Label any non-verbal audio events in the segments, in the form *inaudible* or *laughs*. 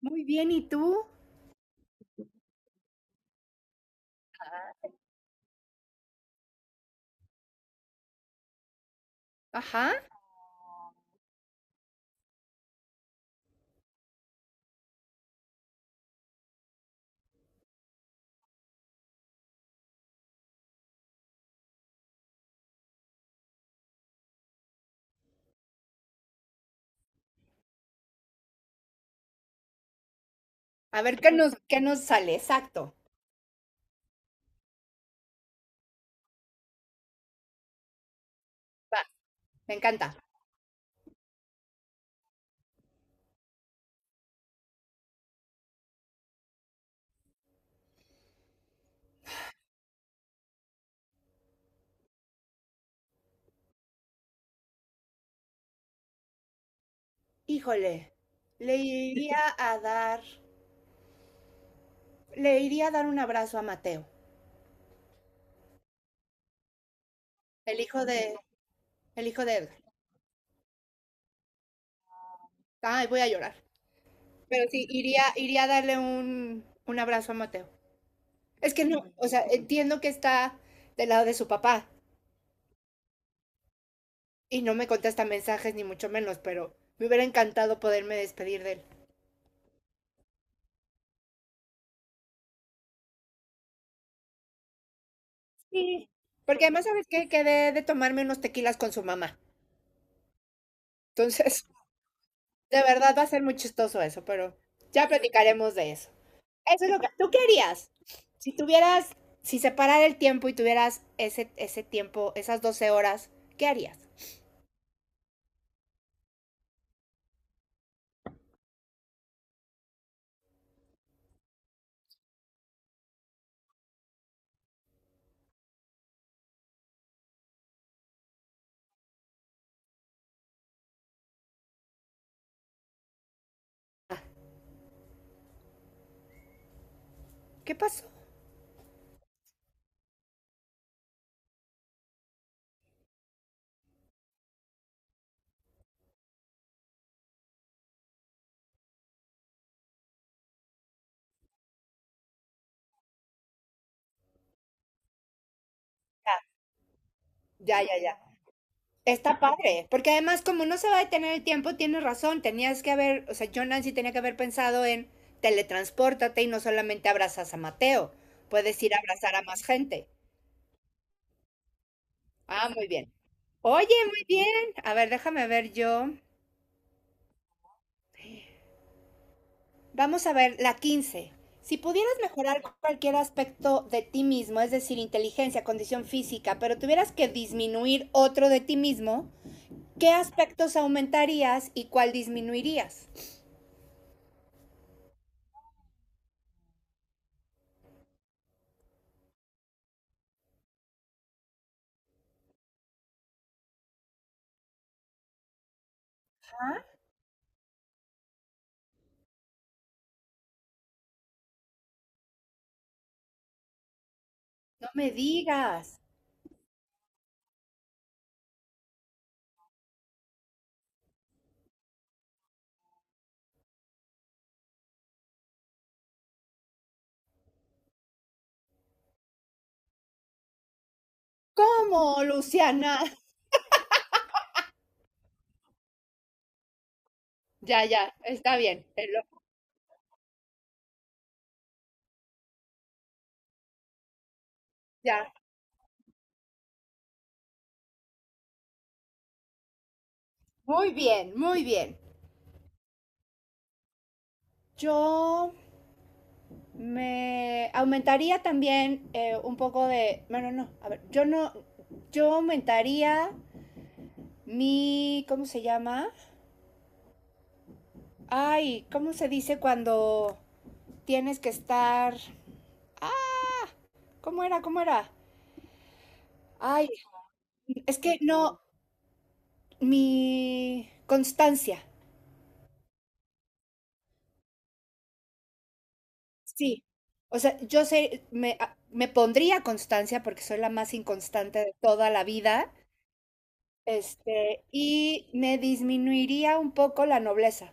Muy bien, ¿y tú? Ajá. A ver, ¿qué nos sale? Exacto. Va, me encanta. Híjole, le iría *laughs* a dar un abrazo a Mateo, el hijo de, el hijo de Edgar. Ay, voy a llorar. Pero sí, iría a darle un abrazo a Mateo. Es que no, o sea, entiendo que está del lado de su papá y no me contesta mensajes ni mucho menos, pero me hubiera encantado poderme despedir de él. Sí, porque además, ¿sabes qué? Quedé de tomarme unos tequilas con su mamá. Entonces, de verdad va a ser muy chistoso eso, pero ya platicaremos de eso. Eso es lo que tú querías. Si tuvieras, si separara el tiempo y tuvieras ese tiempo, esas 12 horas, ¿qué harías? ¿Qué pasó? Ya, ya, ya. Ya. Está padre, porque además como no se va a detener el tiempo, tienes razón, tenías que haber, o sea, yo Nancy tenía que haber pensado en teletranspórtate y no solamente abrazas a Mateo, puedes ir a abrazar a más gente. Ah, muy bien. Oye, muy bien. A ver, déjame ver yo. Vamos a ver la 15. Si pudieras mejorar cualquier aspecto de ti mismo, es decir, inteligencia, condición física, pero tuvieras que disminuir otro de ti mismo, ¿qué aspectos aumentarías y cuál disminuirías? No me digas. ¿Cómo, Luciana? *laughs* Ya, ya, está bien. Ya. Muy bien, muy bien. Yo me aumentaría también un poco de. Bueno, no, a ver, yo no. Yo aumentaría mi, ¿cómo se llama? Ay, ¿cómo se dice cuando tienes que estar. Ah, ¿cómo era? ¿Cómo era? Ay, es que no, mi constancia, sí. O sea, yo sé, me pondría constancia porque soy la más inconstante de toda la vida, y me disminuiría un poco la nobleza.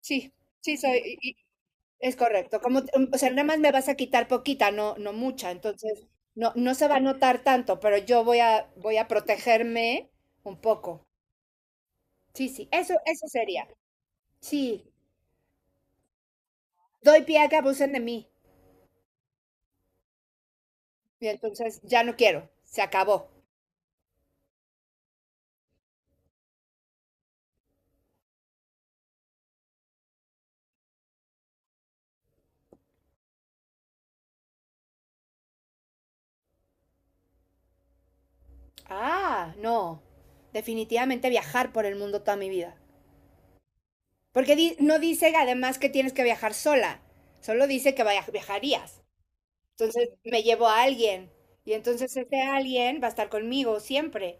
Sí, sí soy. Es correcto, como, o sea, nada más me vas a quitar poquita, no, no mucha, entonces no, no se va a notar tanto, pero yo voy a protegerme un poco. Sí, sí, eso sería. Sí, doy pie a que abusen de mí y entonces ya no quiero, se acabó. Ah, no, definitivamente viajar por el mundo toda mi vida. Porque no dice además que tienes que viajar sola, solo dice que viajarías. Entonces me llevo a alguien y entonces ese alguien va a estar conmigo siempre.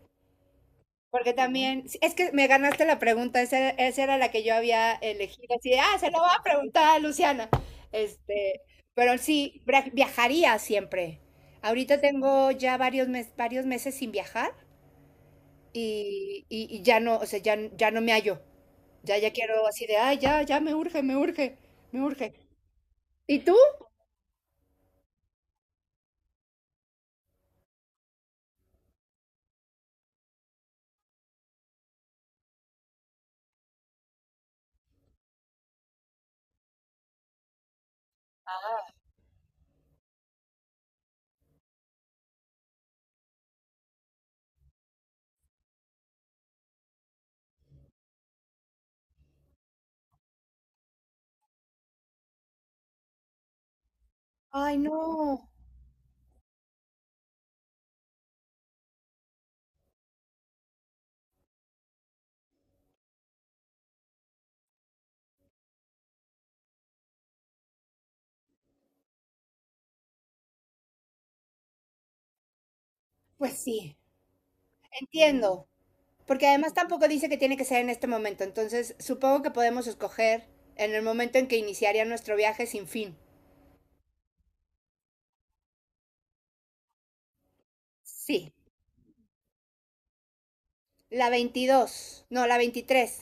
Porque también, sí, es que me ganaste la pregunta, esa era la que yo había elegido, así, de, ah, se lo va a preguntar a Luciana. Este, pero sí, viajaría siempre. Ahorita tengo ya varios meses sin viajar y ya no, o sea, ya, ya no me hallo. Ya, ya quiero así de, ay, ya, ya me urge, me urge, me urge. ¿Y tú? Ay, no. Pues sí, entiendo. Porque además tampoco dice que tiene que ser en este momento, entonces supongo que podemos escoger en el momento en que iniciaría nuestro viaje sin fin. Sí. La 22, no, la 23.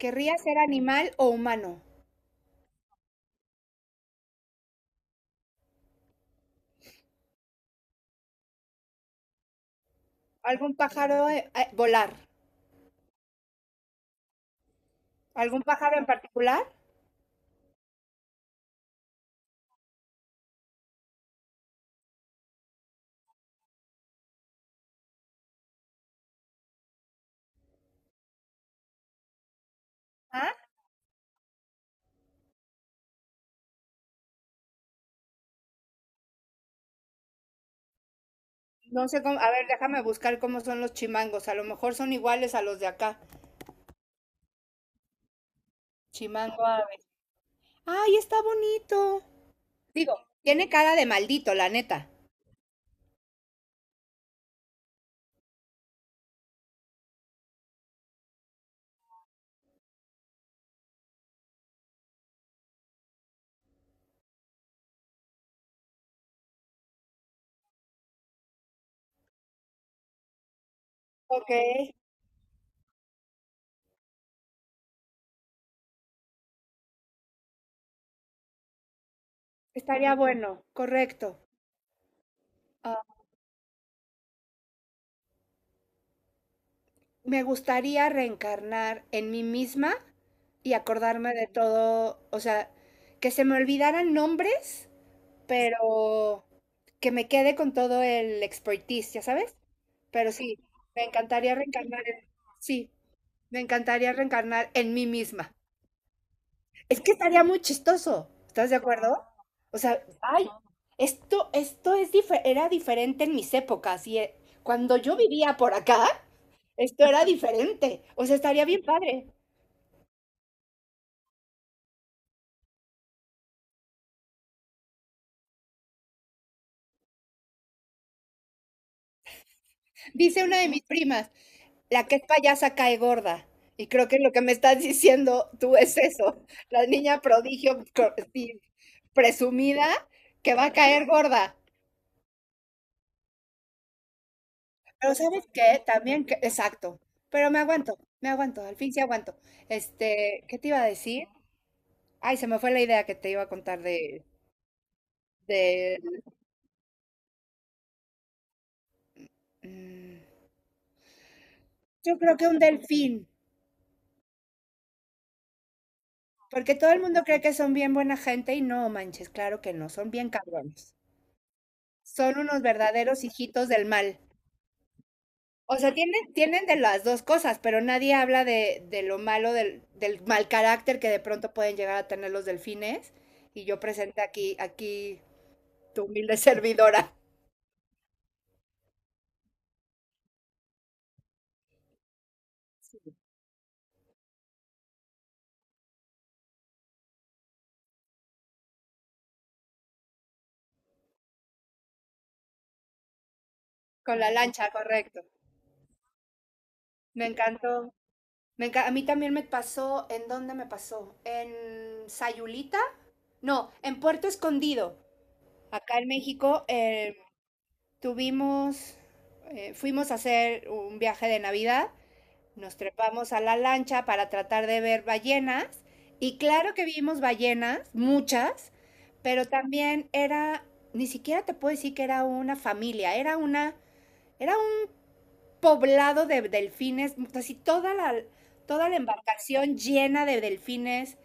¿Querría ser animal o humano? ¿Algún pájaro volar? ¿Algún pájaro en particular? ¿Ah? No sé cómo, a ver, déjame buscar cómo son los chimangos, a lo mejor son iguales a los de acá. Chimango ave. ¡Ay, está bonito! Digo, tiene cara de maldito, la neta. Ok, estaría bueno, correcto. Uh, me gustaría reencarnar en mí misma y acordarme de todo, o sea, que se me olvidaran nombres, pero que me quede con todo el expertise, ya sabes. Pero sí, me encantaría reencarnar en, sí, me encantaría reencarnar en mí misma. Es que estaría muy chistoso, ¿estás de acuerdo? O sea, ay, esto era diferente en mis épocas y cuando yo vivía por acá, esto era diferente. O sea, estaría bien padre. Dice una de mis primas, la que es payasa cae gorda. Y creo que lo que me estás diciendo tú es eso, la niña prodigio sí, presumida que va a caer gorda. Pero ¿sabes qué? También, exacto, pero me aguanto, al fin sí aguanto. ¿Qué te iba a decir? Ay, se me fue la idea que te iba a contar de, de, mm, yo creo que un delfín, porque todo el mundo cree que son bien buena gente y no manches, claro que no, son bien cabrones. Son unos verdaderos hijitos del mal. O sea, tienen de las dos cosas, pero nadie habla de lo malo, del mal carácter que de pronto pueden llegar a tener los delfines. Y yo presenté aquí tu humilde *laughs* servidora. Con la lancha, correcto. Me encantó. A mí también me pasó, ¿en dónde me pasó? ¿En Sayulita? No, en Puerto Escondido. Acá en México tuvimos, fuimos a hacer un viaje de Navidad, nos trepamos a la lancha para tratar de ver ballenas y claro que vimos ballenas, muchas, pero también era, ni siquiera te puedo decir que era una familia, era era poblado de delfines, así toda la embarcación llena de delfines,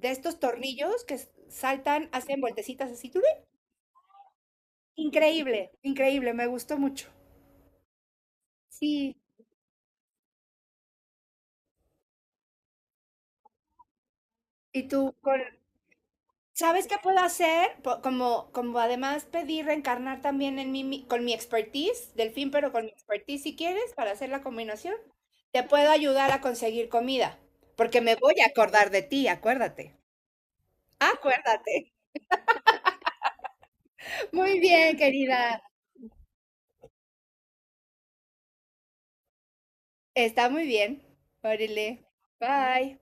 de estos tornillos que saltan, hacen vueltecitas así. ¿Tú ves? Increíble, increíble, me gustó mucho. Sí. Y tú, ¿sabes qué puedo hacer? Como además pedí reencarnar también en mí con mi expertise, delfín, pero con mi expertise si quieres, para hacer la combinación. Te puedo ayudar a conseguir comida, porque me voy a acordar de ti, acuérdate. Acuérdate. Muy bien, querida. Está muy bien. Órale. Bye.